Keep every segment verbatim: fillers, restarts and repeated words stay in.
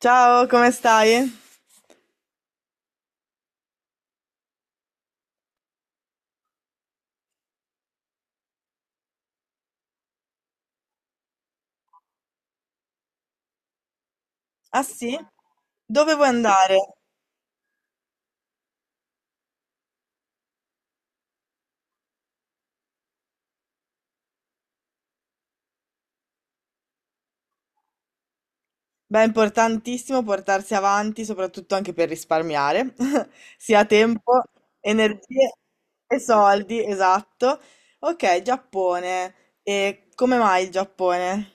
Ciao, come stai? Ah sì? Dove vuoi andare? Beh, è importantissimo portarsi avanti, soprattutto anche per risparmiare, sia tempo, energie e soldi, esatto. Ok, Giappone. E come mai il Giappone?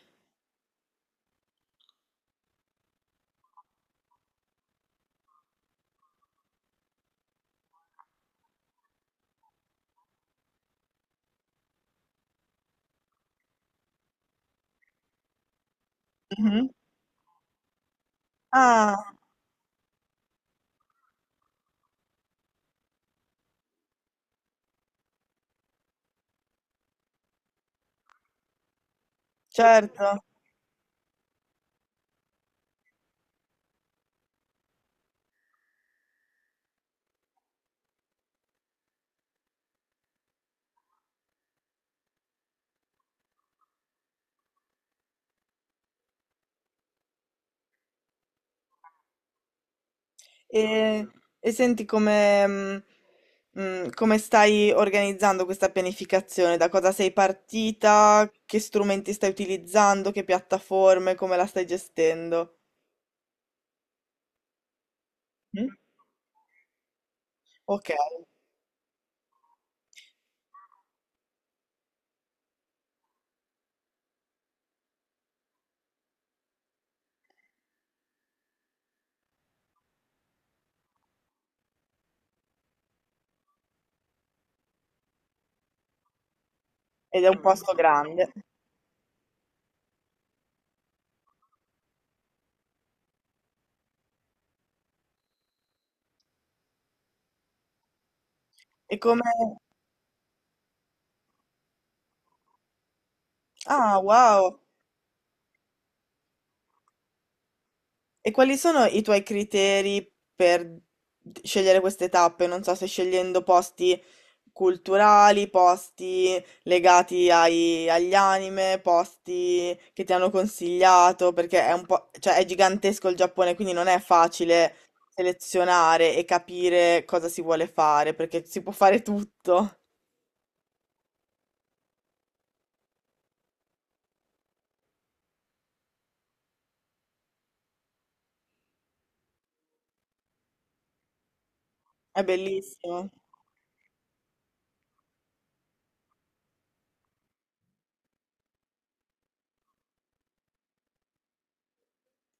Mhm. Ah, certo. E, e senti come, mh, mh, come stai organizzando questa pianificazione? Da cosa sei partita? Che strumenti stai utilizzando? Che piattaforme? Come la stai gestendo? Mm? Ok, ed è un posto grande. E come... Ah, wow! E quali sono i tuoi criteri per scegliere queste tappe? Non so se scegliendo posti culturali, posti legati ai- agli anime, posti che ti hanno consigliato, perché è un po', cioè è gigantesco il Giappone, quindi non è facile selezionare e capire cosa si vuole fare, perché si può fare tutto. È bellissimo.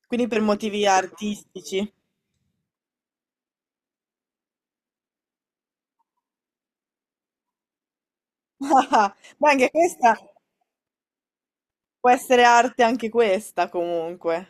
Quindi per motivi artistici. Ma anche questa può essere arte, anche questa comunque.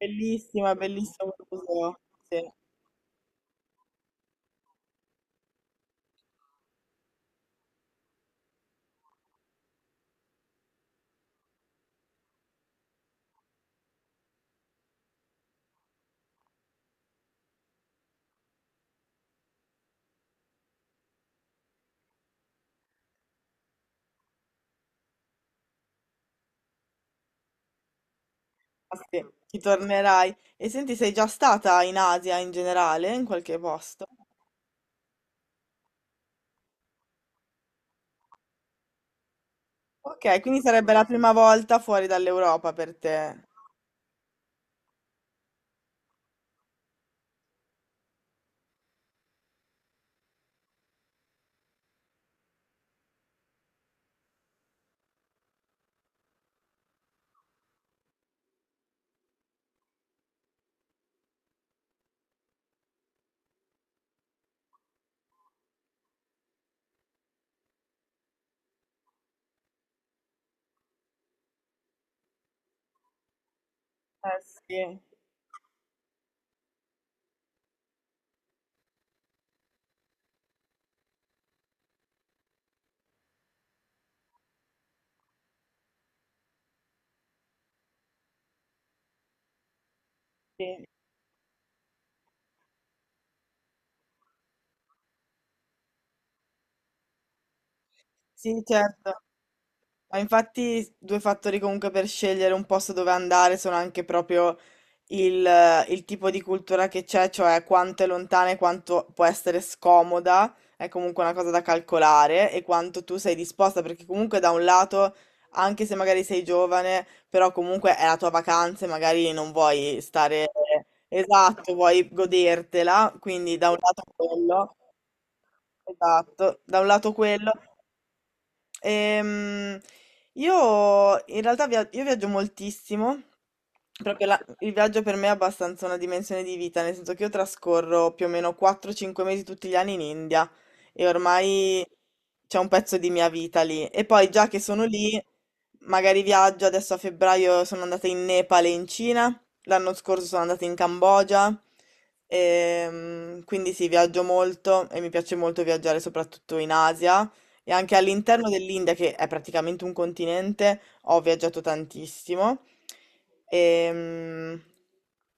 Bellissima, bellissimo quel museo. Sì, ah sì, ci tornerai. E senti, sei già stata in Asia in generale, in qualche posto? Ok, quindi sarebbe la prima volta fuori dall'Europa per te. Eh sì, sì, sì, certo. Ma infatti due fattori comunque per scegliere un posto dove andare sono anche proprio il, eh, il tipo di cultura che c'è, cioè quanto è lontana e quanto può essere scomoda, è comunque una cosa da calcolare e quanto tu sei disposta, perché comunque da un lato, anche se magari sei giovane, però comunque è la tua vacanza e magari non vuoi stare esatto, vuoi godertela, quindi da un lato quello, esatto, da un lato quello. Ehm, io in realtà via- io viaggio moltissimo, proprio la- il viaggio per me è abbastanza una dimensione di vita, nel senso che io trascorro più o meno quattro o cinque mesi tutti gli anni in India e ormai c'è un pezzo di mia vita lì. E poi già che sono lì, magari viaggio, adesso a febbraio sono andata in Nepal e in Cina, l'anno scorso sono andata in Cambogia, ehm, quindi sì, viaggio molto e mi piace molto viaggiare soprattutto in Asia. E anche all'interno dell'India, che è praticamente un continente, ho viaggiato tantissimo. Ehm,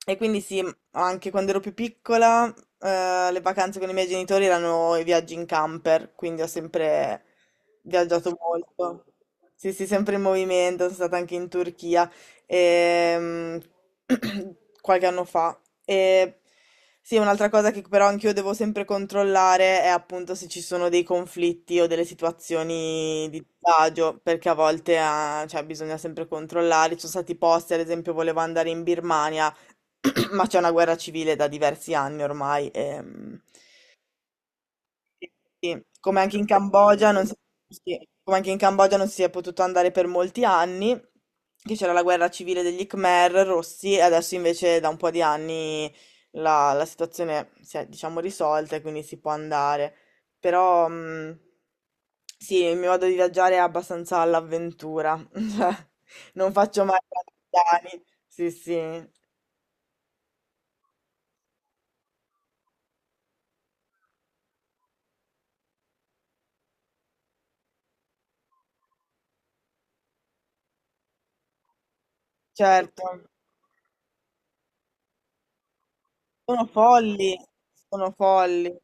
E, quindi sì, anche quando ero più piccola, eh, le vacanze con i miei genitori erano i viaggi in camper, quindi ho sempre viaggiato molto. Sì, sì, sempre in movimento, sono stata anche in Turchia ehm, qualche anno fa. E sì, un'altra cosa che però anch'io devo sempre controllare è appunto se ci sono dei conflitti o delle situazioni di disagio, perché a volte ah, cioè, bisogna sempre controllare. Ci sono stati posti, ad esempio, volevo andare in Birmania, ma c'è una guerra civile da diversi anni ormai. Ehm, sì, come anche in Cambogia non si, sì, come anche in Cambogia non si è potuto andare per molti anni, che c'era la guerra civile degli Khmer rossi, e adesso invece da un po' di anni la, la situazione si è, diciamo, risolta e quindi si può andare. Però, mh, sì, il mio modo di viaggiare è abbastanza all'avventura, cioè, non faccio mai piani, sì, sì, certo, sono folli, sono folli,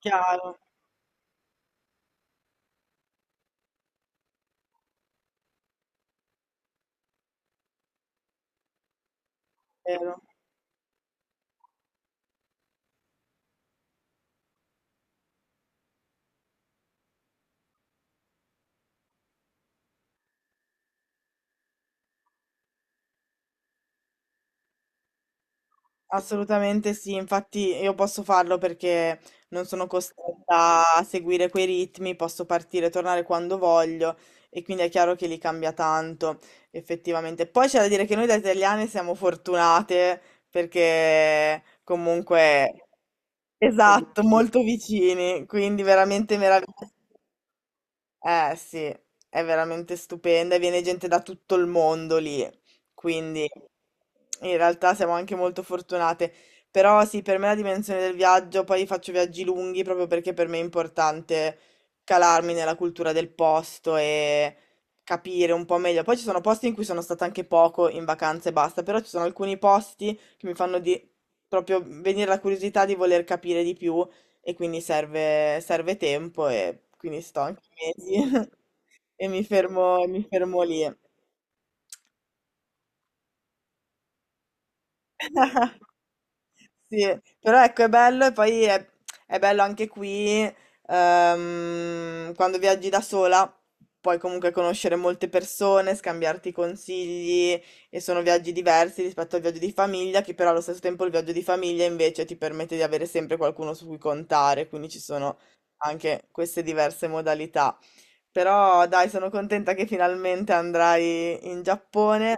chiaro, vero. Assolutamente sì, infatti io posso farlo perché non sono costretta a seguire quei ritmi, posso partire e tornare quando voglio e quindi è chiaro che li cambia tanto, effettivamente. Poi c'è da dire che noi da italiane siamo fortunate perché comunque, esatto, molto vicini, quindi veramente meraviglioso. Eh sì, è veramente stupenda e viene gente da tutto il mondo lì, quindi in realtà siamo anche molto fortunate. Però sì, per me la dimensione del viaggio, poi faccio viaggi lunghi proprio perché per me è importante calarmi nella cultura del posto e capire un po' meglio. Poi ci sono posti in cui sono stata anche poco in vacanza e basta, però ci sono alcuni posti che mi fanno di- proprio venire la curiosità di voler capire di più e quindi serve, serve tempo e quindi sto anche mesi e mi fermo, mi fermo lì. Sì, però ecco, è bello e poi è, è bello anche qui ehm, quando viaggi da sola. Puoi comunque conoscere molte persone, scambiarti consigli e sono viaggi diversi rispetto al viaggio di famiglia, che però allo stesso tempo il viaggio di famiglia invece ti permette di avere sempre qualcuno su cui contare, quindi ci sono anche queste diverse modalità. Però dai, sono contenta che finalmente andrai in Giappone.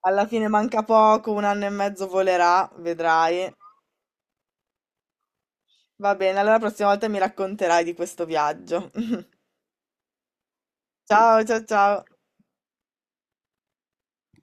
Alla fine manca poco, un anno e mezzo volerà, vedrai. Va bene, allora la prossima volta mi racconterai di questo viaggio. Ciao, ciao, ciao.